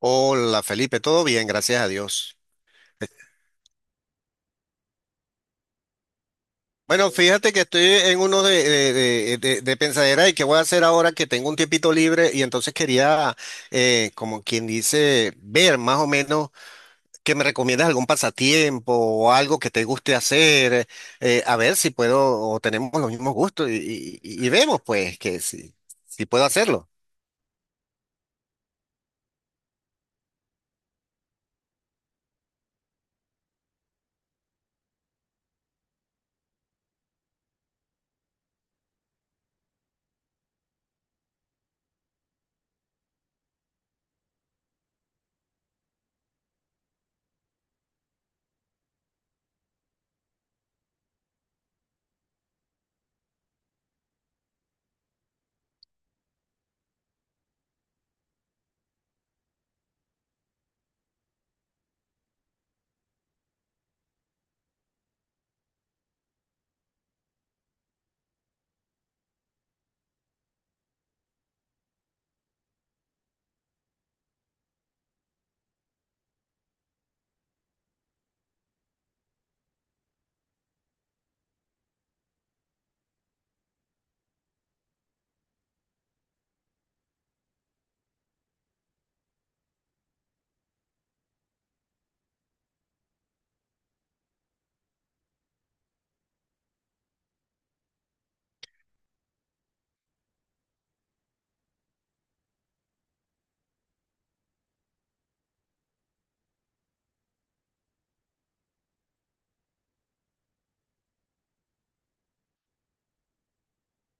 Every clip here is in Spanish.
Hola Felipe, todo bien, gracias a Dios. Bueno, fíjate que estoy en uno de pensadera y qué voy a hacer ahora que tengo un tiempito libre y entonces quería, como quien dice, ver más o menos que me recomiendas algún pasatiempo o algo que te guste hacer, a ver si puedo o tenemos los mismos gustos y, y vemos pues que si puedo hacerlo.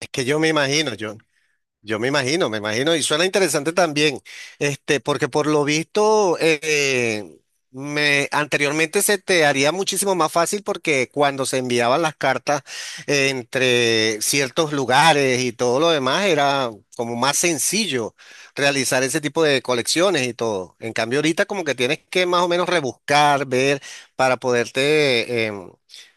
Es que yo me imagino, yo. Yo me imagino, y suena interesante también, este, porque por lo visto, anteriormente se te haría muchísimo más fácil porque cuando se enviaban las cartas entre ciertos lugares y todo lo demás, era como más sencillo realizar ese tipo de colecciones y todo. En cambio, ahorita como que tienes que más o menos rebuscar, ver, para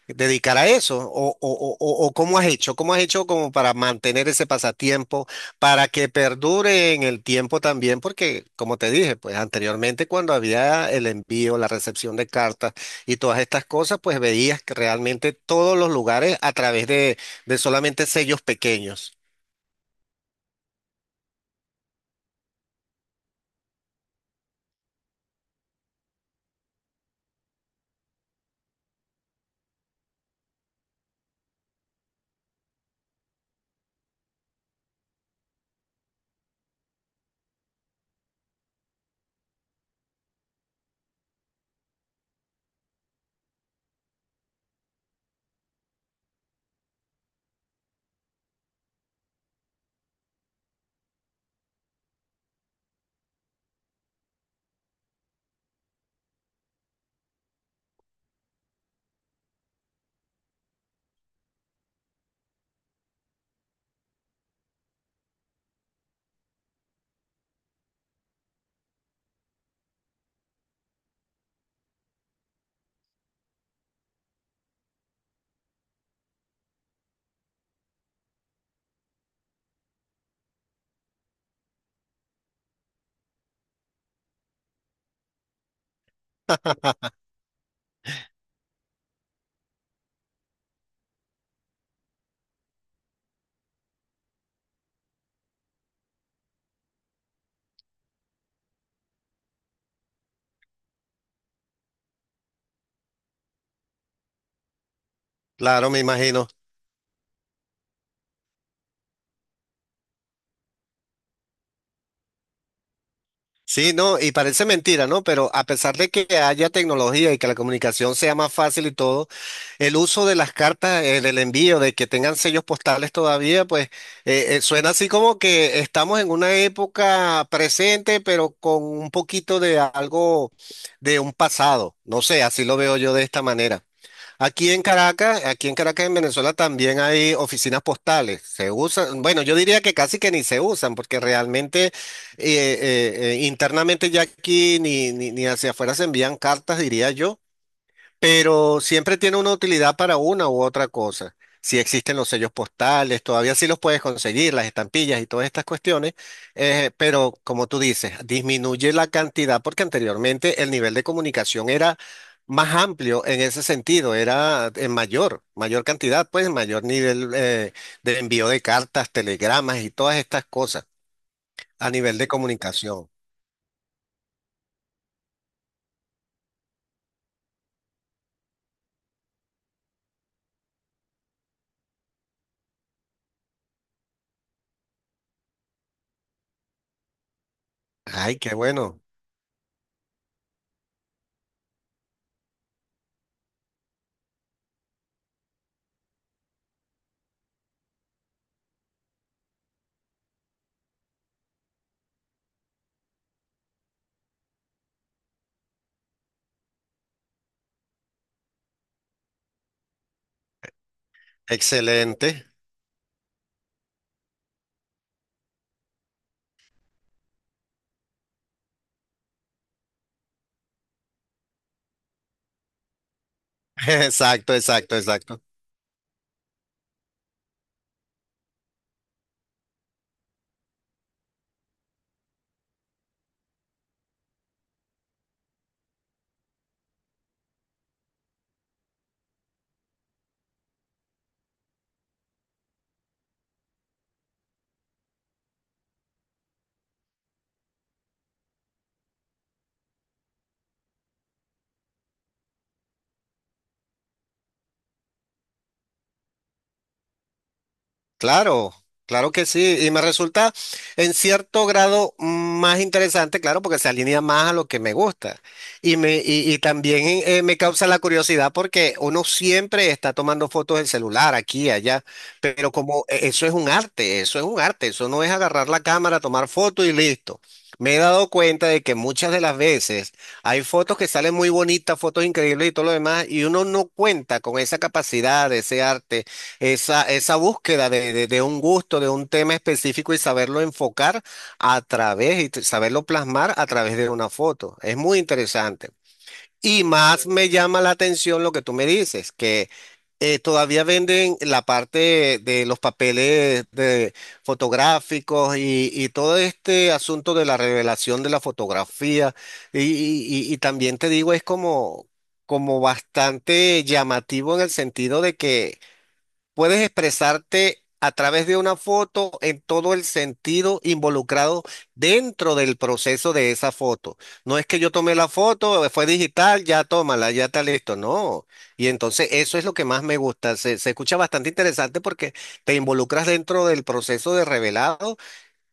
dedicar a eso o cómo has hecho como para mantener ese pasatiempo para que perdure en el tiempo también, porque como te dije, pues anteriormente cuando había el envío, la recepción de cartas y todas estas cosas, pues veías que realmente todos los lugares a través de solamente sellos pequeños. Claro, me imagino. Sí, no, y parece mentira, ¿no? Pero a pesar de que haya tecnología y que la comunicación sea más fácil y todo, el uso de las cartas, del envío, de que tengan sellos postales todavía, pues suena así como que estamos en una época presente, pero con un poquito de algo de un pasado. No sé, así lo veo yo de esta manera. Aquí en Caracas, en Venezuela, también hay oficinas postales. Se usan, bueno, yo diría que casi que ni se usan, porque realmente internamente ya aquí ni hacia afuera se envían cartas, diría yo, pero siempre tiene una utilidad para una u otra cosa. Si existen los sellos postales, todavía sí los puedes conseguir, las estampillas y todas estas cuestiones, pero como tú dices, disminuye la cantidad porque anteriormente el nivel de comunicación era más amplio en ese sentido, era en mayor, mayor cantidad, pues mayor nivel de envío de cartas, telegramas y todas estas cosas a nivel de comunicación. Ay, qué bueno, excelente. Exacto, exacto, exacto. Claro, claro que sí, y me resulta en cierto grado más interesante, claro, porque se alinea más a lo que me gusta. Y también me causa la curiosidad porque uno siempre está tomando fotos del celular aquí, allá, pero como eso es un arte, eso es un arte, eso no es agarrar la cámara, tomar fotos y listo. Me he dado cuenta de que muchas de las veces hay fotos que salen muy bonitas, fotos increíbles y todo lo demás, y uno no cuenta con esa capacidad, ese arte, esa búsqueda de un gusto, de un tema específico y saberlo enfocar a través y saberlo plasmar a través de una foto. Es muy interesante. Y más me llama la atención lo que tú me dices, que todavía venden la parte de los papeles de fotográficos y todo este asunto de la revelación de la fotografía. Y, y también te digo, es como, como bastante llamativo en el sentido de que puedes expresarte a través de una foto en todo el sentido involucrado dentro del proceso de esa foto. No es que yo tomé la foto, fue digital, ya tómala, ya está listo. No. Y entonces eso es lo que más me gusta. Se escucha bastante interesante porque te involucras dentro del proceso de revelado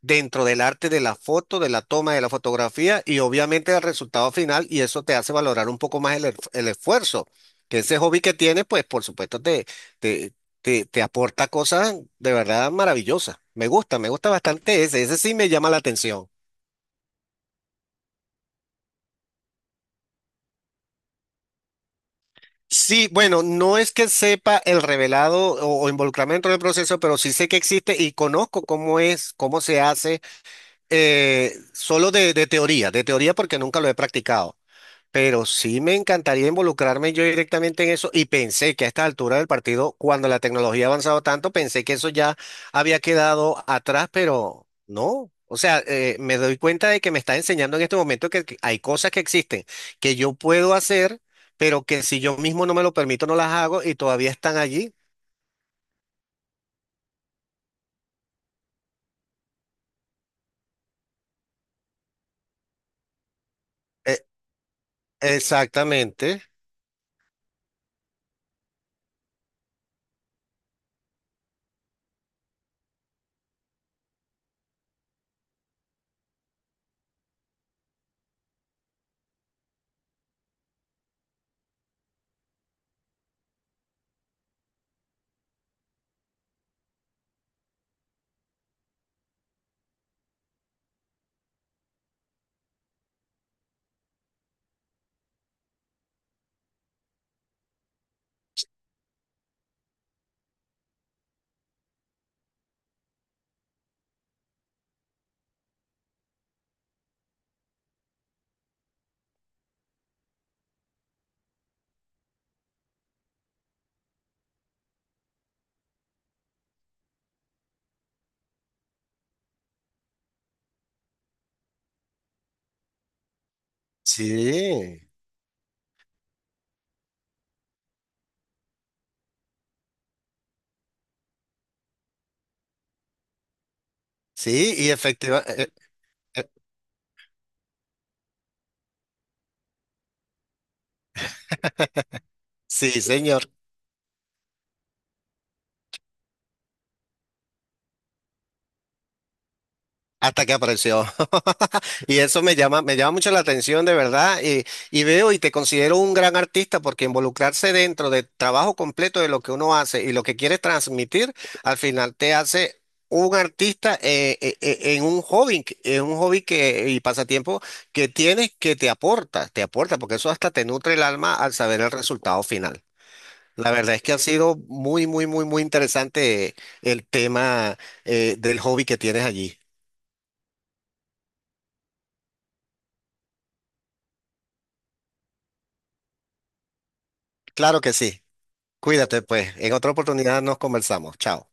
dentro del arte de la foto, de la toma, de la fotografía y obviamente del resultado final y eso te hace valorar un poco más el, el esfuerzo. Que ese hobby que tienes, pues por supuesto te, te aporta cosas de verdad maravillosas. Me gusta bastante ese, ese sí me llama la atención. Sí, bueno, no es que sepa el revelado o involucrarme dentro del proceso, pero sí sé que existe y conozco cómo es, cómo se hace, solo de teoría, de teoría porque nunca lo he practicado. Pero sí me encantaría involucrarme yo directamente en eso y pensé que a esta altura del partido, cuando la tecnología ha avanzado tanto, pensé que eso ya había quedado atrás, pero no. O sea, me doy cuenta de que me está enseñando en este momento que hay cosas que existen, que yo puedo hacer, pero que si yo mismo no me lo permito, no las hago y todavía están allí. Eh, exactamente. Sí, sí, y efectivamente. Sí, señor. Hasta que apareció. Y eso me llama mucho la atención de verdad. Y veo y te considero un gran artista porque involucrarse dentro del trabajo completo de lo que uno hace y lo que quiere transmitir, al final te hace un artista en un hobby, en un hobby que, y pasatiempo que tienes que te aporta, porque eso hasta te nutre el alma al saber el resultado final. La verdad es que ha sido muy, muy, muy, muy interesante el tema del hobby que tienes allí. Claro que sí. Cuídate, pues. En otra oportunidad nos conversamos. Chao.